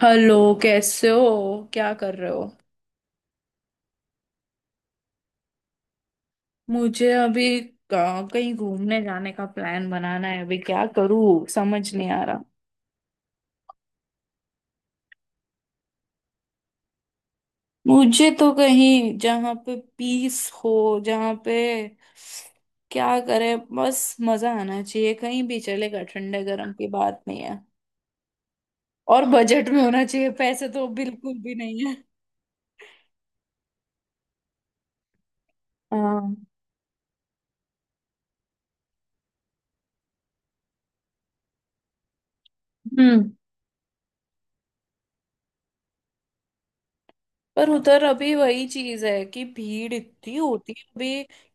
Hello. कैसे हो, क्या कर रहे हो? मुझे अभी कहीं घूमने जाने का प्लान बनाना है। अभी क्या करूं समझ नहीं आ रहा। मुझे तो कहीं जहाँ पे पीस हो, जहाँ पे क्या करे, बस मजा आना चाहिए। कहीं भी चलेगा, ठंडे गर्म की बात नहीं है। और बजट में होना चाहिए, पैसे तो बिल्कुल भी नहीं है। हाँ। हम्म। पर उधर अभी वही चीज है कि भीड़ इतनी होती है अभी।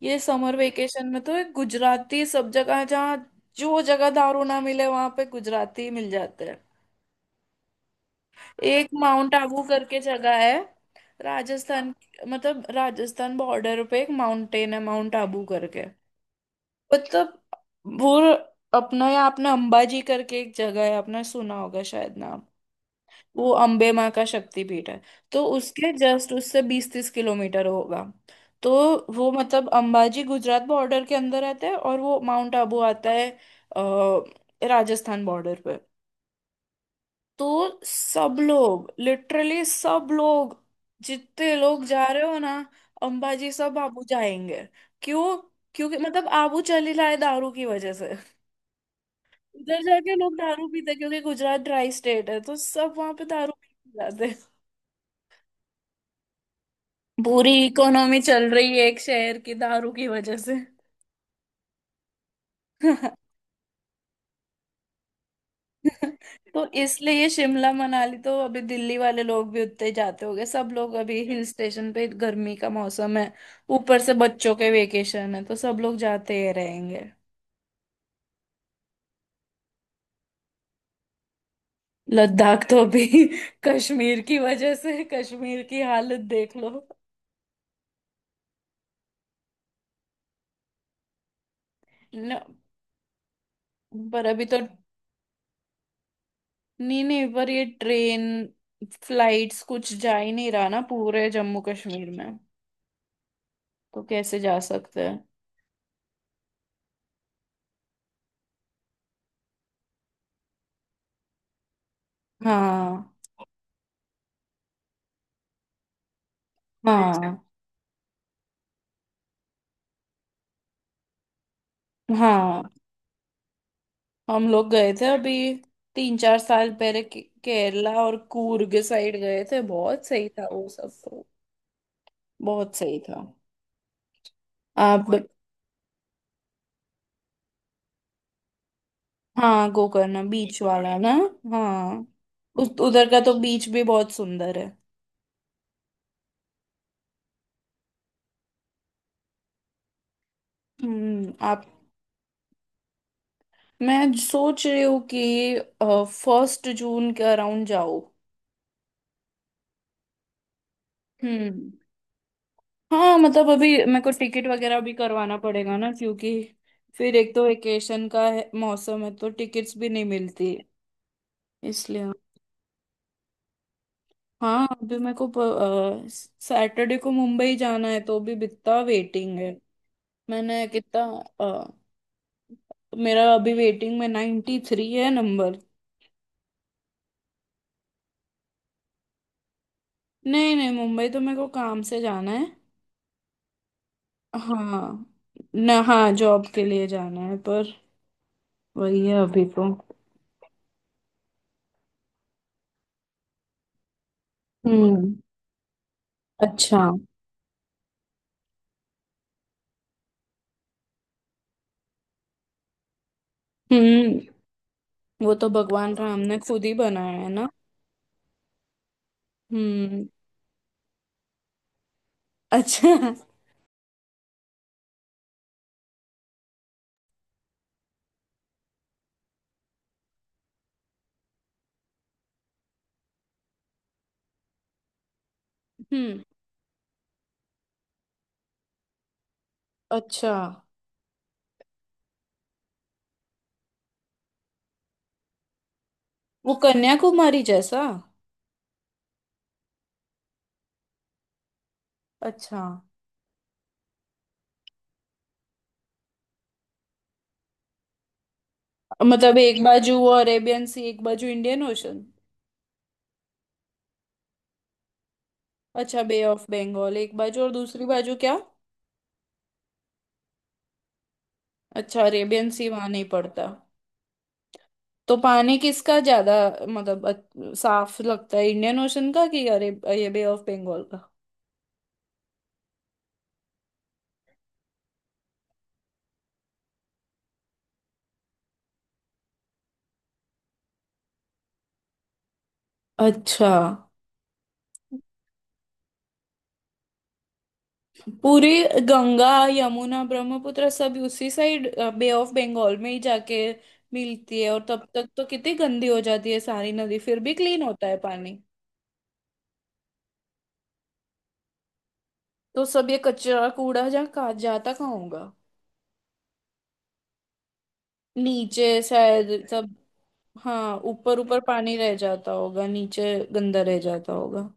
ये समर वेकेशन में तो एक गुजराती सब जगह जहाँ जो जगह दारू ना मिले वहां पे गुजराती मिल जाते हैं। एक माउंट आबू करके जगह है, राजस्थान। मतलब राजस्थान बॉर्डर पे एक माउंटेन है, माउंट आबू करके। मतलब वो अपना, या आपने अंबाजी करके एक जगह है, आपने सुना होगा शायद नाम। वो अम्बे माँ का शक्तिपीठ है। तो उसके जस्ट, उससे 20-30 किलोमीटर होगा। तो वो मतलब अंबाजी गुजरात बॉर्डर के अंदर आता है और वो माउंट आबू आता है राजस्थान बॉर्डर पे। तो सब लोग, लिटरली सब लोग, जितने लोग जा रहे हो ना, अंबाजी सब आबू जाएंगे। क्यों? क्योंकि मतलब आबू चली लाए दारू की वजह से। उधर जाके लोग दारू पीते हैं, क्योंकि गुजरात ड्राई स्टेट है तो सब वहां पे दारू पी के जाते। पूरी इकोनॉमी चल रही है एक शहर की दारू की वजह से। तो इसलिए ये शिमला मनाली तो अभी दिल्ली वाले लोग भी उतने ही जाते होंगे, सब लोग अभी हिल स्टेशन पे, गर्मी का मौसम है। ऊपर से बच्चों के वेकेशन है तो सब लोग जाते ही रहेंगे। लद्दाख तो अभी कश्मीर की वजह से, कश्मीर की हालत देख लो। न, पर अभी तो, नहीं नहीं, पर ये ट्रेन फ्लाइट्स कुछ जा ही नहीं रहा ना पूरे जम्मू कश्मीर में। तो कैसे जा सकते। हाँ। हाँ। हाँ हम लोग गए थे अभी, 3-4 साल पहले केरला और कूर्ग साइड गए थे। बहुत सही था वो सब तो। बहुत सही था। आप। हाँ गोकर्ण, बीच वाला ना। हाँ। उस उधर का तो बीच भी बहुत सुंदर है। हम्म। आप, मैं सोच रही हूँ कि 1 जून के अराउंड जाओ। हम्म। हाँ मतलब अभी मेरे को टिकट वगैरह भी करवाना पड़ेगा ना, क्योंकि फिर एक तो वेकेशन का है, मौसम है, तो टिकट्स भी नहीं मिलती। इसलिए। हाँ अभी मेरे को सैटरडे को मुंबई जाना है, तो भी कितना वेटिंग है। मैंने कितना, अ, मेरा अभी वेटिंग में 93 है नंबर। नहीं नहीं, मुंबई तो मेरे को काम से जाना है। हाँ। ना हाँ, जॉब के लिए जाना है पर। वही है अभी तो। हम्म। अच्छा। हम्म, वो तो भगवान राम ने खुद ही बनाया है ना। हम्म। अच्छा। हम्म। अच्छा वो कन्याकुमारी जैसा। अच्छा। मतलब एक बाजू वो अरेबियन सी, एक बाजू इंडियन ओशन। अच्छा बे ऑफ बंगाल एक बाजू, और दूसरी बाजू क्या? अच्छा अरेबियन सी वहां नहीं पड़ता। तो पानी किसका ज्यादा मतलब साफ लगता है, इंडियन ओशन का कि अरे ये बे ऑफ बंगाल का। अच्छा। पूरी गंगा यमुना ब्रह्मपुत्र सब उसी साइड, बे ऑफ बंगाल में ही जाके मिलती है, और तब तक तो कितनी गंदी हो जाती है सारी नदी, फिर भी क्लीन होता है पानी। तो सब ये कचरा कूड़ा, जहाँ कहाँ जाता, कहाँ होगा? नीचे शायद सब। हाँ ऊपर ऊपर पानी रह जाता होगा, नीचे गंदा रह जाता होगा।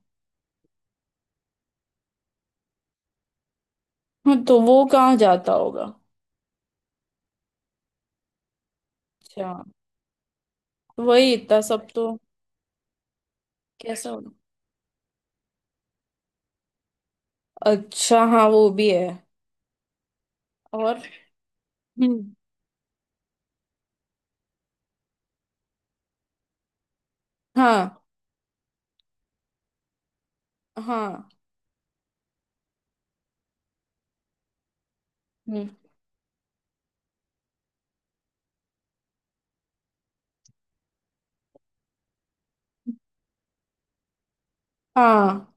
हाँ तो वो कहाँ जाता होगा? अच्छा। वही इतना सब तो कैसा होगा। अच्छा, हाँ वो भी है। और। हम्म। हाँ। हाँ। हम्म। हाँ।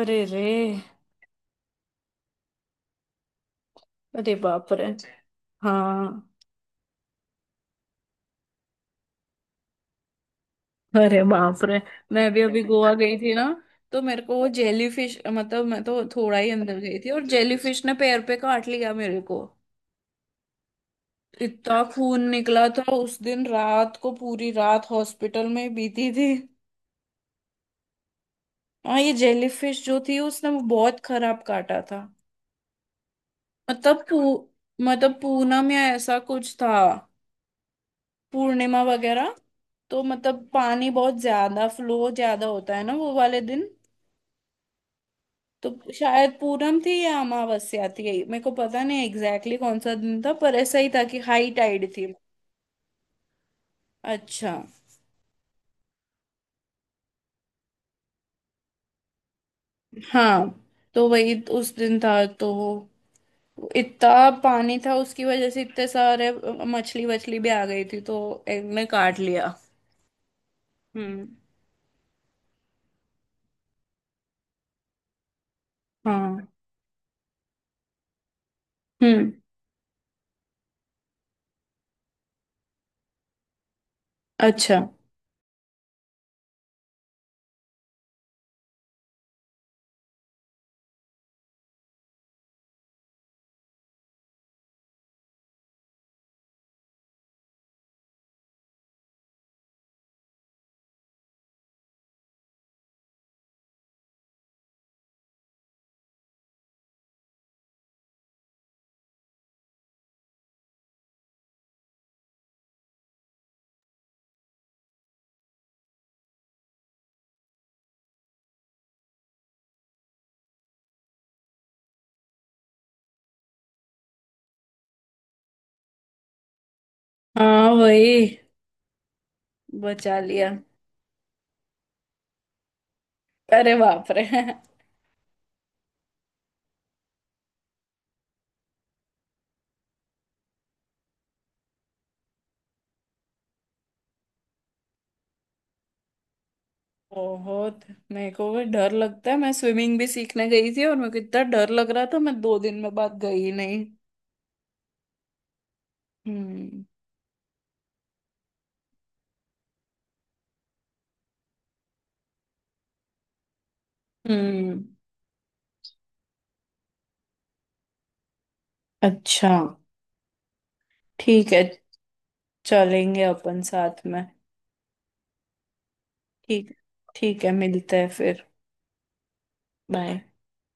अरे रे। अरे बाप रे। हाँ। अरे बाप रे, मैं भी अभी गोवा गई थी ना। तो मेरे को वो जेली फिश, मतलब मैं तो थोड़ा ही अंदर गई थी, और जेली फिश ने पैर पे काट लिया मेरे को। इतना खून निकला था उस दिन, रात को पूरी रात हॉस्पिटल में बीती थी। हाँ ये जेली फिश जो थी, उसने वो बहुत खराब काटा था। मतलब पू मतलब पूना में ऐसा कुछ था, पूर्णिमा वगैरह। तो मतलब पानी बहुत ज्यादा, फ्लो ज्यादा होता है ना वो वाले दिन। तो शायद पूनम थी या अमावस्या थी, मेरे को पता नहीं एग्जैक्टली exactly कौन सा दिन था, पर ऐसा ही था कि हाई टाइड थी। अच्छा। हाँ तो वही उस दिन था तो इतना पानी था, उसकी वजह से इतने सारे मछली वछली भी आ गई थी तो एक ने काट लिया। हम्म। हाँ। हम्म। अच्छा। हाँ वही बचा लिया। अरे बाप रे। बहुत। मेरे को भी डर लगता है, मैं स्विमिंग भी सीखने गई थी और मेरे को इतना डर लग रहा था मैं 2 दिन में बाद गई ही नहीं। हम्म। हम्म। अच्छा। ठीक है, चलेंगे अपन साथ में। ठीक। ठीक है, मिलते हैं फिर। बाय।